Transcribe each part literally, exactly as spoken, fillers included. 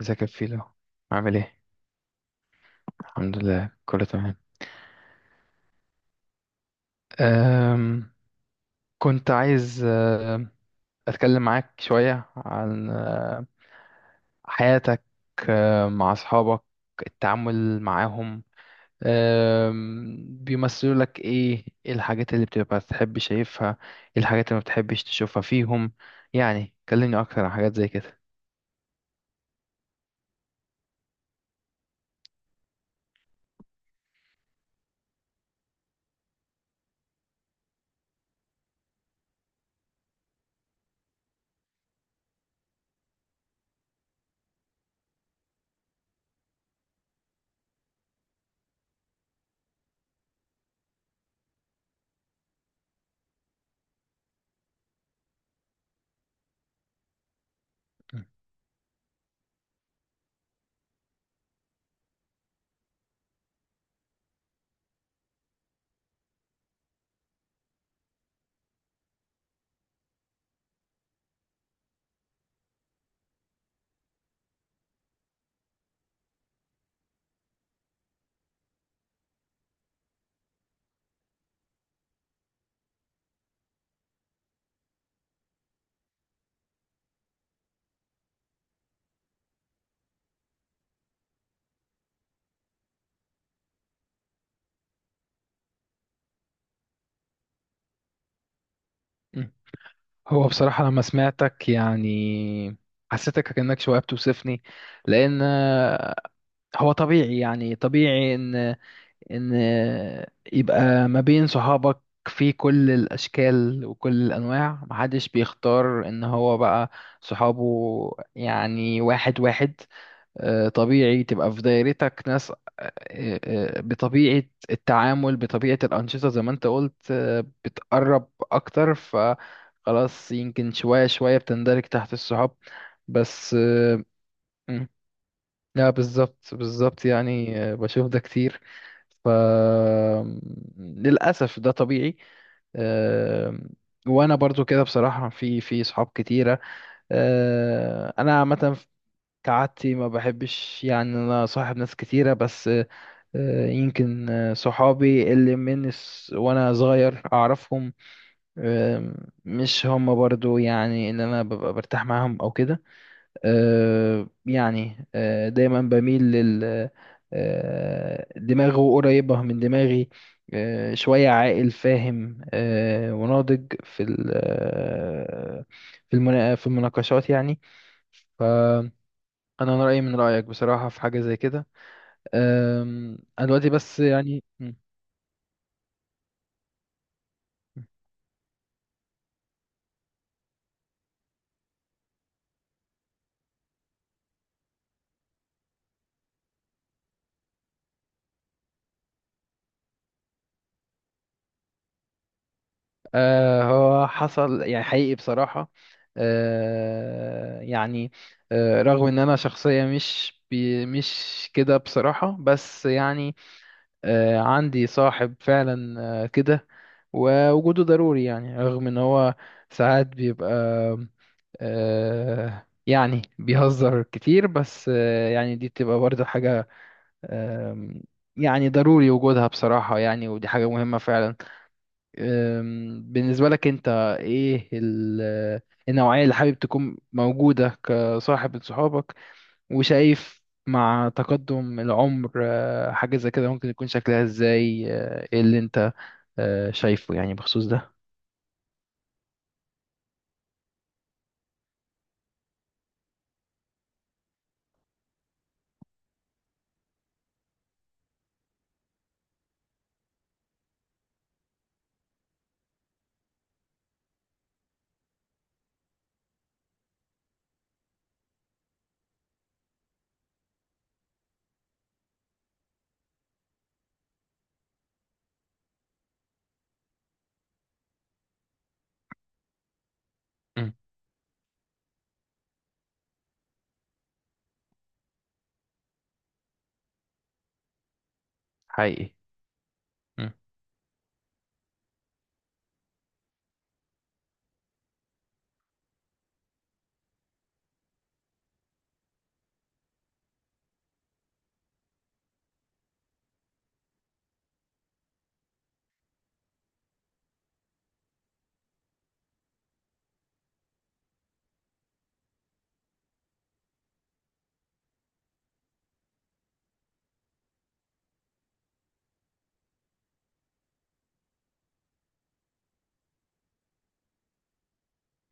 ازيك يا فيلو؟ عامل ايه؟ الحمد لله، كله تمام. أم كنت عايز، أم، اتكلم معاك شوية عن أم، حياتك، أم، مع اصحابك، التعامل معاهم، أم، بيمثلوا لك ايه؟ ايه الحاجات اللي بتبقى تحب شايفها؟ ايه الحاجات اللي ما بتحبش تشوفها فيهم؟ يعني كلمني اكتر عن حاجات زي كده. مم. هو بصراحة لما سمعتك يعني حسيتك كأنك شوية بتوصفني، لأن هو طبيعي، يعني طبيعي ان ان يبقى ما بين صحابك في كل الاشكال وكل الانواع، محدش بيختار ان هو بقى صحابه، يعني واحد واحد. آه، طبيعي تبقى في دايرتك ناس، آه، آه، بطبيعة التعامل، بطبيعة الأنشطة زي ما انت قلت، آه، بتقرب أكتر، فخلاص يمكن شوية شوية بتندرج تحت الصحاب بس. آه، لا، بالظبط بالظبط، يعني آه، بشوف ده كتير، ف للأسف ده طبيعي. آم، وانا برضو كده بصراحة، في في صحاب كتيرة. آه، انا عامة كعادتي ما بحبش، يعني انا صاحب ناس كتيرة، بس آه، يمكن آه، صحابي اللي من الس- وانا صغير اعرفهم، آم، مش هم برضو يعني ان انا ببقى برتاح معاهم او كده. آه، يعني آه، دايما بميل لل آه، دماغه قريبة من دماغي، آه، شوية عاقل فاهم، آه، وناضج في ال- آه، في المنا- في المناقشات يعني. فأنا رأيي من رأيك بصراحة في حاجة زي كده. آم، أنا دلوقتي بس يعني. مم. آه هو حصل يعني، حقيقي بصراحة. آه يعني آه رغم ان انا شخصية مش بي مش كده بصراحة، بس يعني آه عندي صاحب فعلا آه كده، ووجوده ضروري. يعني رغم ان هو ساعات بيبقى آه يعني بيهزر كتير، بس آه يعني دي بتبقى برضه حاجة آه يعني ضروري وجودها بصراحة، يعني ودي حاجة مهمة فعلا. أم، بالنسبة لك انت، ايه ال- النوعية اللي حابب تكون موجودة كصاحب لصحابك؟ وشايف مع تقدم العمر آه، حاجة زي كده ممكن يكون شكلها ازاي؟ آه، ايه اللي انت آه، شايفه يعني بخصوص ده؟ مم. حقيقي. مم.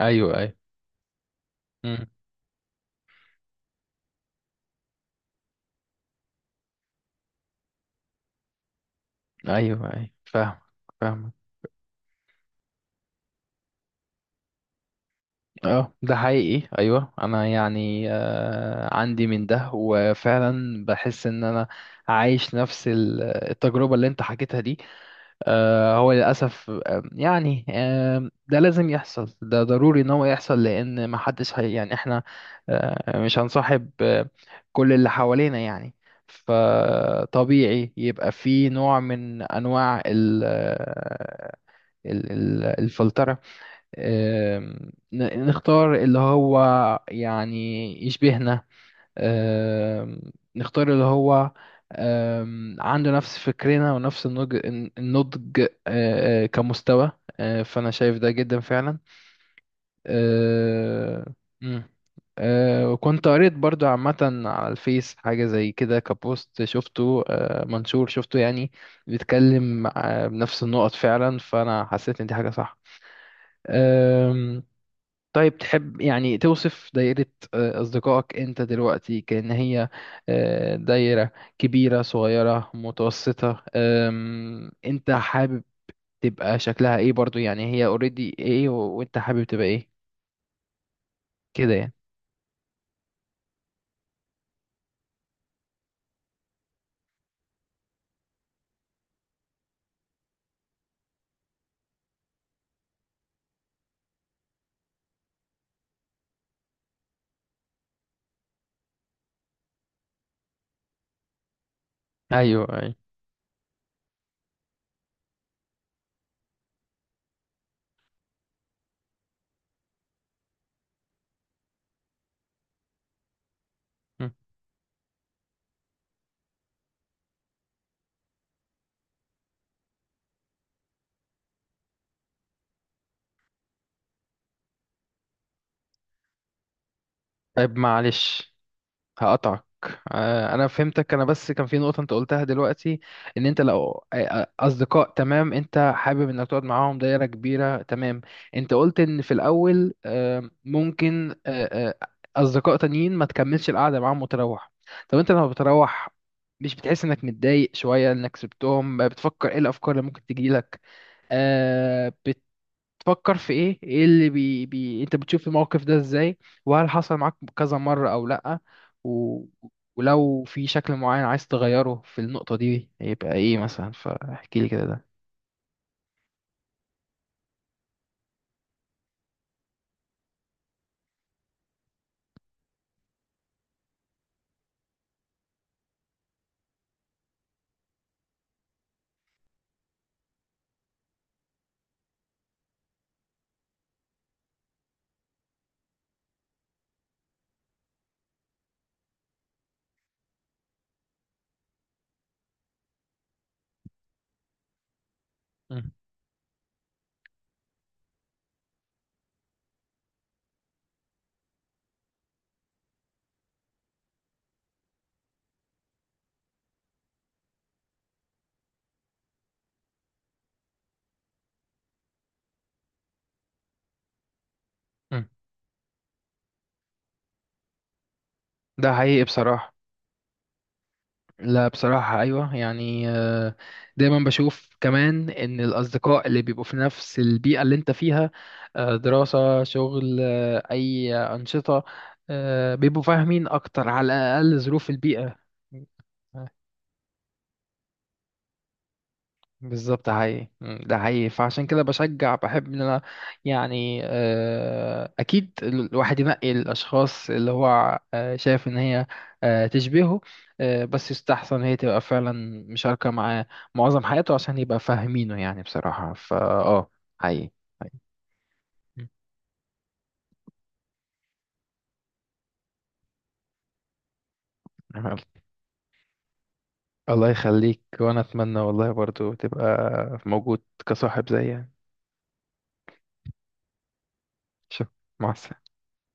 ايوه ايوه. مم. ايوه ايوه، فاهم. فاهم. اه، ده حقيقي، ايوه. انا يعني آه عندي من ده، وفعلا بحس ان انا عايش نفس ال- التجربة اللي انت حكيتها دي. آه، هو للأسف، آه، يعني آه، ده لازم يحصل، ده ضروري إن هو يحصل. لأن محدش، هي يعني إحنا آه، مش هنصاحب آه، كل اللي حوالينا يعني. فطبيعي يبقى في نوع من أنواع ال آه، ال- ال- الفلترة. آه، ن- نختار اللي هو يعني يشبهنا. آم، نختار اللي هو آم، عنده نفس فكرنا ونفس النضج. النضج آه، آه، كمستوى. آه، فأنا شايف ده جدا فعلا. آه، مم. آه، وكنت قريت برضو عامة على الفيس حاجة زي كده كبوست شفته، آه، منشور شفته يعني، بيتكلم آه، بنفس النقط فعلا. فأنا حسيت إن دي حاجة صح. طيب تحب يعني توصف دايرة آه، أصدقائك أنت دلوقتي كأن هي آه، دايرة كبيرة، صغيرة، متوسطة؟ آم، أنت حابب تبقى شكلها إيه برضو؟ يعني هي اوريدي إيه، و- وأنت حابب تبقى إيه كده يعني؟ أيوه أيوه. م. طيب معلش هقطعك. آه، انا فهمتك، انا بس كان في نقطة انت قلتها دلوقتي. ان انت لو آه، آه، اصدقاء تمام انت حابب انك تقعد معاهم، دايرة كبيرة تمام. انت قلت ان في الاول آه، ممكن آه، آه، اصدقاء تانيين ما تكملش القعدة معاهم وتروح. طب انت لما بتروح مش بتحس انك متضايق شوية انك سبتهم؟ بتفكر ايه؟ الافكار اللي ممكن تجيلك، تفكر في ايه؟ ايه اللي بي, بي انت بتشوف الموقف ده ازاي؟ وهل حصل معاك كذا مرة او لأ؟ و... ولو في شكل معين عايز تغيره في النقطة دي يبقى ايه مثلا؟ فاحكي لي كده ده. مم. مم. ده حقيقي بصراحة. لا، بصراحة أيوة. يعني آه، دايما بشوف كمان إن الأصدقاء اللي بيبقوا في نفس البيئة اللي أنت فيها، آه، دراسة، شغل، آه، أي أنشطة، آه، بيبقوا فاهمين أكتر، على الأقل ظروف البيئة. بالظبط، ده حقيقي. مم، ده حقيقي. فعشان كده بشجع، بحب ان انا يعني آه، اكيد ال- الواحد ينقي الاشخاص اللي هو آه، شايف ان هي آه، تشبهه، آه، بس يستحسن هي تبقى فعلا مشاركة معاه معظم حياته، عشان يبقى فاهمينه يعني بصراحة. فا اه حقيقي. حقيقي. مم. يلا. الله يخليك، وانا اتمنى والله برضو تبقى موجود كصاحب زيي يعني. شوف، مع السلامة.